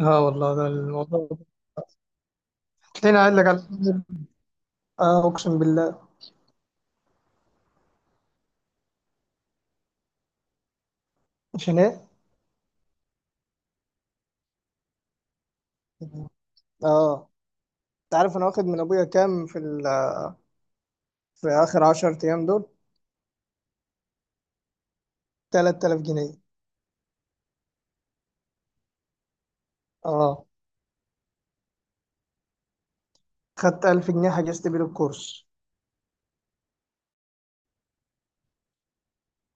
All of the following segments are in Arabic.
اه والله ده الموضوع. تلاقيني قايل لك على اه، اقسم بالله. عشان ايه؟ اه، انت عارف انا واخد من ابويا كام في اخر 10 ايام دول؟ 3000 جنيه. اه، خدت 1000 جنيه حجزت بيه الكورس،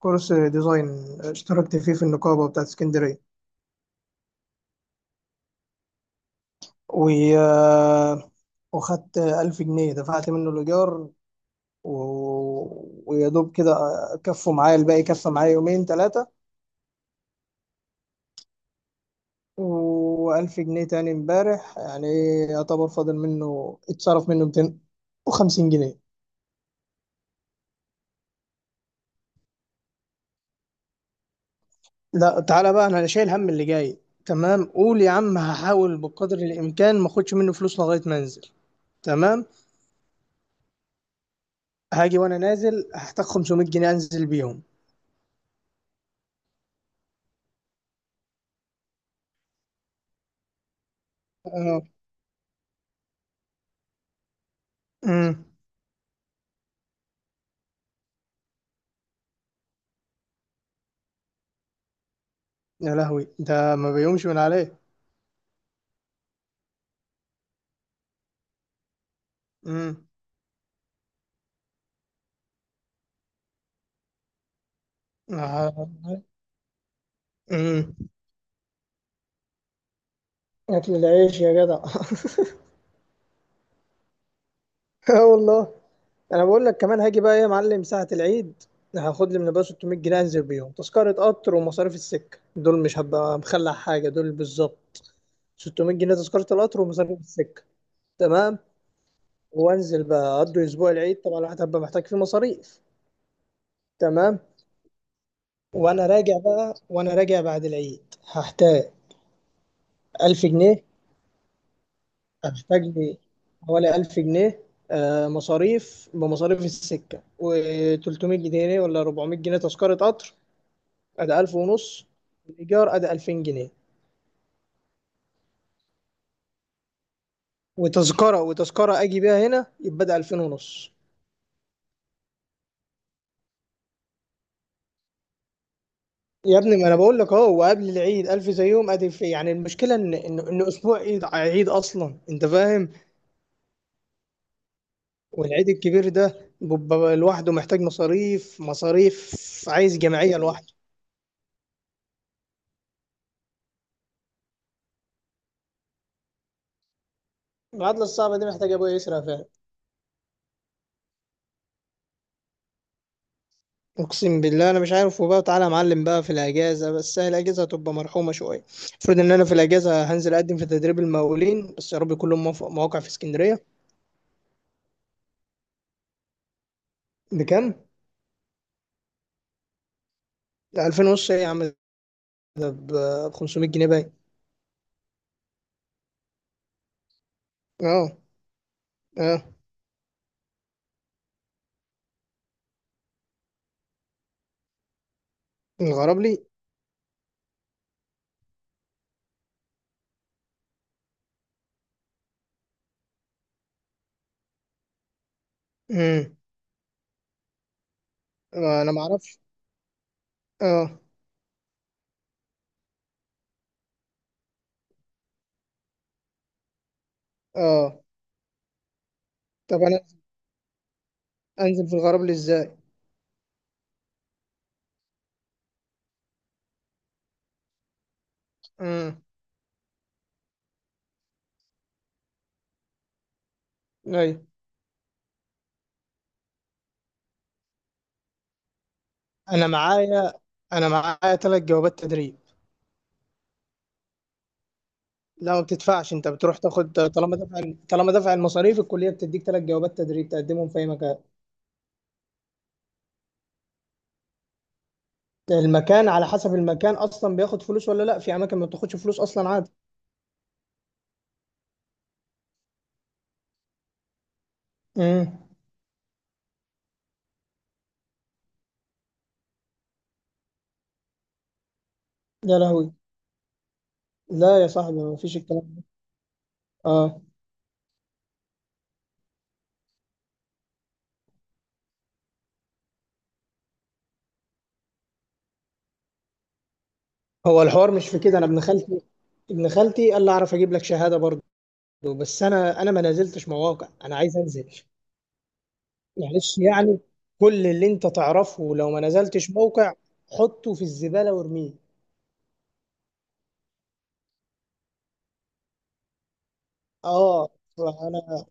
كورس ديزاين، اشتركت فيه في النقابه بتاعت اسكندريه. و آه، وخدت 1000 جنيه دفعت منه الايجار و... ويا دوب كده، كفوا معايا الباقي، كفى معايا يومين ثلاثه. وألف جنيه تاني امبارح، يعني إيه، يعتبر فاضل منه، اتصرف منه 250 جنيه. لا تعالى بقى، أنا شايل هم اللي جاي. تمام، قول يا عم هحاول بقدر الإمكان ما أخدش منه فلوس لغاية ما أنزل. تمام. هاجي وأنا نازل هحتاج 500 جنيه أنزل بيهم. آه. أمم. يا لهوي، ده ما بيقومش من عليه. امم آه. امم أكل العيش يا جدع. اه والله، انا بقول لك كمان، هاجي بقى ايه يا معلم ساعة العيد، هاخد لي من ابويا 600 جنيه انزل بيهم تذكرة قطر ومصاريف السكة، دول مش هبقى مخلع حاجة، دول بالظبط 600 جنيه تذكرة القطر ومصاريف السكة. تمام. وانزل بقى اقضي اسبوع العيد، طبعا الواحد هبقى محتاج فيه مصاريف. تمام. وانا راجع بقى، وانا راجع بعد العيد هحتاج 1000 جنيه، هحتاج لي حوالي 1000 جنيه، آه، مصاريف بمصاريف السكة و300 جنيه ولا 400 جنيه تذكرة قطر. أدي 1000 ونص. الإيجار أدي 2000 جنيه. وتذكرة وتذكرة أجي بيها هنا، يبقى أدي 2000 ونص. يا ابني ما أنا بقول لك أهو، وقبل العيد 1000 زيهم أدي في، يعني المشكلة إن أسبوع عيد، عيد أصلا، أنت فاهم. والعيد الكبير ده بيبقى لوحده محتاج مصاريف مصاريف، عايز جمعية لوحده. العطلة الصعبة دي محتاجة أبويا يسرق فيها. اقسم بالله انا مش عارف. وبقى تعالى يا معلم بقى في الاجازه، بس هي الاجازه هتبقى مرحومه شويه. المفروض ان انا في الاجازه هنزل اقدم في تدريب المقاولين، بس يا رب كلهم مواقع في اسكندريه. بكام؟ 2000 ونص ايه يا عم؟ ده ب 500 جنيه باين. اه. اه. الغراب لي. امم انا ما اعرفش. اه. اه. طب انا انزل في الغراب لي ازاي؟ امم ايوه. انا معايا، انا معايا 3 جوابات تدريب. لا، ما بتدفعش، انت بتروح تاخد، طالما دفع، طالما دفع المصاريف، الكليه بتديك 3 جوابات تدريب تقدمهم في اي مكان. المكان على حسب المكان اصلا بياخد فلوس ولا لا، في اماكن ما بتاخدش فلوس اصلا عادي. امم يا لهوي. لا يا صاحبي، ما فيش الكلام ده. اه. هو الحوار مش في كده، انا ابن خالتي، ابن خالتي قال لي اعرف اجيب لك شهاده برضه. بس انا ما نزلتش مواقع، انا عايز انزل. معلش يعني، كل اللي انت تعرفه لو ما نزلتش موقع، حطه في الزباله وارميه. اه، فانا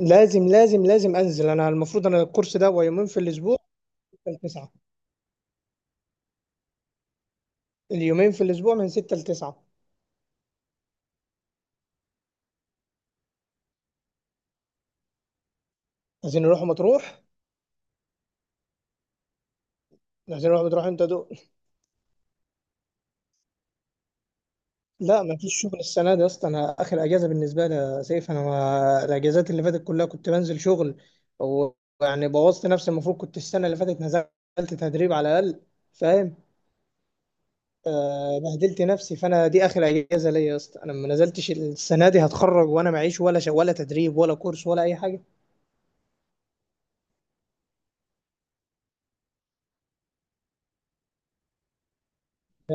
لازم لازم لازم انزل. انا المفروض انا الكورس ده هو يومين في الاسبوع من 6 ل 9. اليومين في الاسبوع من 6 ل 9. عايزين نروح مطروح، عايزين نروح مطروح، انت دو لا ما فيش شغل السنه دي يا اسطى، انا اخر اجازه بالنسبه لي يا سيف، انا ما... الاجازات اللي فاتت كلها كنت بنزل شغل، ويعني بوظت نفسي، المفروض كنت السنه اللي فاتت نزلت تدريب على الاقل، فاهم؟ آه، بهدلت نفسي، فانا دي اخر اجازه ليا يا اسطى، انا ما نزلتش السنه دي، هتخرج وانا معيش ولا تدريب ولا كورس ولا اي حاجه.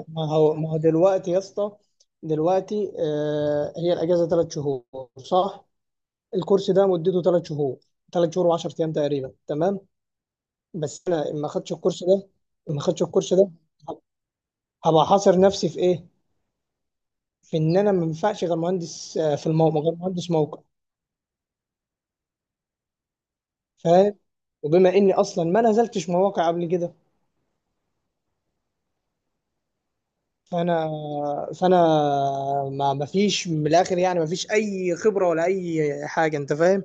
ما هو دلوقتي يا اسطى، دلوقتي آه، هي الاجازه 3 شهور، صح؟ الكورس ده مدته 3 شهور، ثلاث شهور و10 ايام تقريبا، تمام. بس انا ما خدتش الكورس ده، ما خدتش الكورس ده، هبقى حاصر نفسي في ايه؟ في ان انا ما ينفعش غير مهندس، آه، في الموقع غير مهندس موقع، فاهم؟ وبما اني اصلا ما نزلتش مواقع قبل كده، فانا فانا ما فيش، من الاخر يعني ما فيش اي خبره ولا اي حاجه، انت فاهم.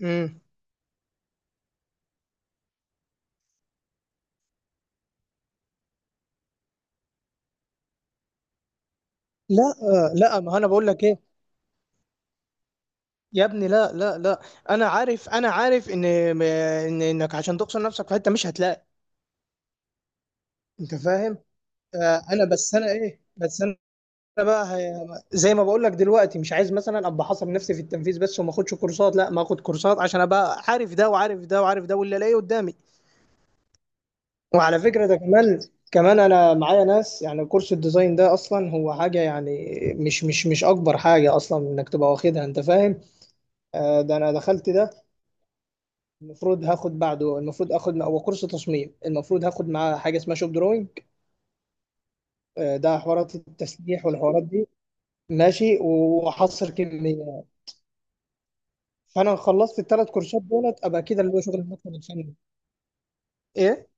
مم. لا آه، لا، ما انا بقول لك ايه. يا ابني لا، انا عارف، انا عارف ان انك عشان تقصر نفسك في حته مش هتلاقي. انت فاهم. آه، انا بس انا ايه، بس انا بقى زي ما بقول لك، دلوقتي مش عايز مثلا ابقى حاصر نفسي في التنفيذ بس وما اخدش كورسات، لا، ما اخد كورسات عشان ابقى عارف ده وعارف ده وعارف ده واللي الاقيه قدامي. وعلى فكره ده كمان، كمان انا معايا ناس، يعني كورس الديزاين ده اصلا هو حاجه يعني مش اكبر حاجه اصلا انك تبقى واخدها، انت فاهم. آه، ده انا دخلت ده، المفروض هاخد بعده، المفروض اخد هو كورس تصميم، المفروض هاخد معاه حاجه اسمها شوب دروينج، آه، ده حوارات التسليح والحوارات دي. ماشي. وحصر كميه. فانا خلصت الـ3 كورسات دولت، ابقى كده اللي هو شغل المكتب الفني. ايه.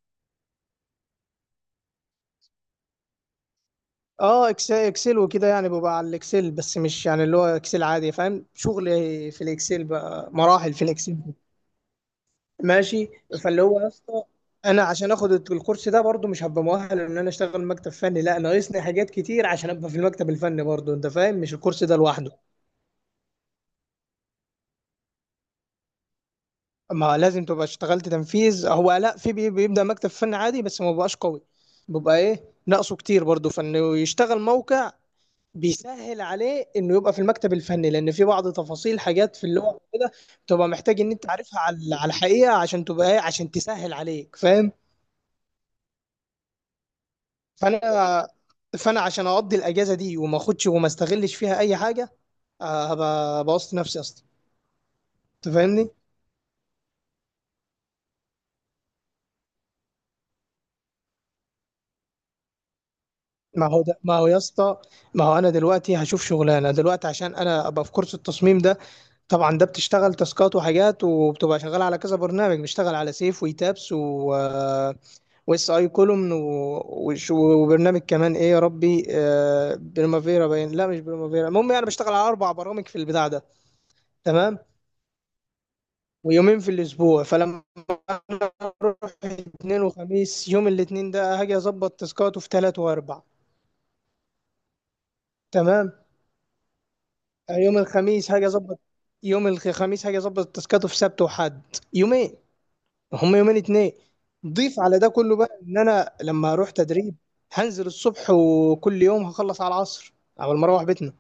اه اكسل وكده، يعني ببقى على الاكسل بس، مش يعني اللي هو اكسل عادي، فاهم، شغل في الاكسل بقى، مراحل في الاكسل. ماشي. فاللي هو يا اسطى، انا عشان اخد الكورس ده برضو مش هبقى مؤهل ان انا اشتغل مكتب فني، لا، ناقصني حاجات كتير عشان ابقى في المكتب الفني برضو، انت فاهم، مش الكورس ده لوحده. اما لازم تبقى اشتغلت تنفيذ، هو لا في بيبدا مكتب فني عادي بس ما بقاش قوي، بيبقى ايه، ناقصه كتير برضو، فانه يشتغل موقع بيسهل عليه انه يبقى في المكتب الفني، لان في بعض تفاصيل حاجات في اللغه كده بتبقى محتاج ان انت عارفها على على الحقيقه عشان تبقى ايه، عشان تسهل عليك، فاهم. فانا فانا عشان اقضي الاجازه دي وما اخدش وما استغلش فيها اي حاجه، آه، هبقى بوظت نفسي يا اسطى، انت فاهمني. ما هو ده ما هو يا اسطى، ما هو انا دلوقتي هشوف شغلانه دلوقتي عشان انا ابقى في كورس التصميم ده. طبعا ده بتشتغل تاسكات وحاجات وبتبقى شغال على كذا برنامج، بتشتغل على سيف ويتابس و آه، واس اي كولومن، وبرنامج كمان ايه يا ربي، آه، بريمافيرا باين، لا مش بريمافيرا، المهم يعني بشتغل على 4 برامج في البتاع ده. تمام. ويومين في الاسبوع، فلما أنا هروح الاثنين وخميس، يوم الاثنين ده هاجي اظبط تاسكات في تلات واربع، تمام، آه، يوم الخميس هاجي اظبط، يوم الخميس هاجي اظبط تاسكات في سبت وحد. يومين، هم يومين اتنين. ضيف على ده كله بقى ان انا لما اروح تدريب، هنزل الصبح وكل يوم هخلص على العصر على ما اروح بيتنا.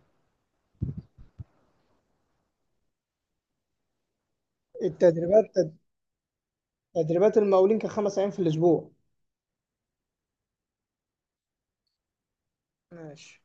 التدريبات، تدريبات المقاولين كان 5 ايام في الاسبوع. ماشي.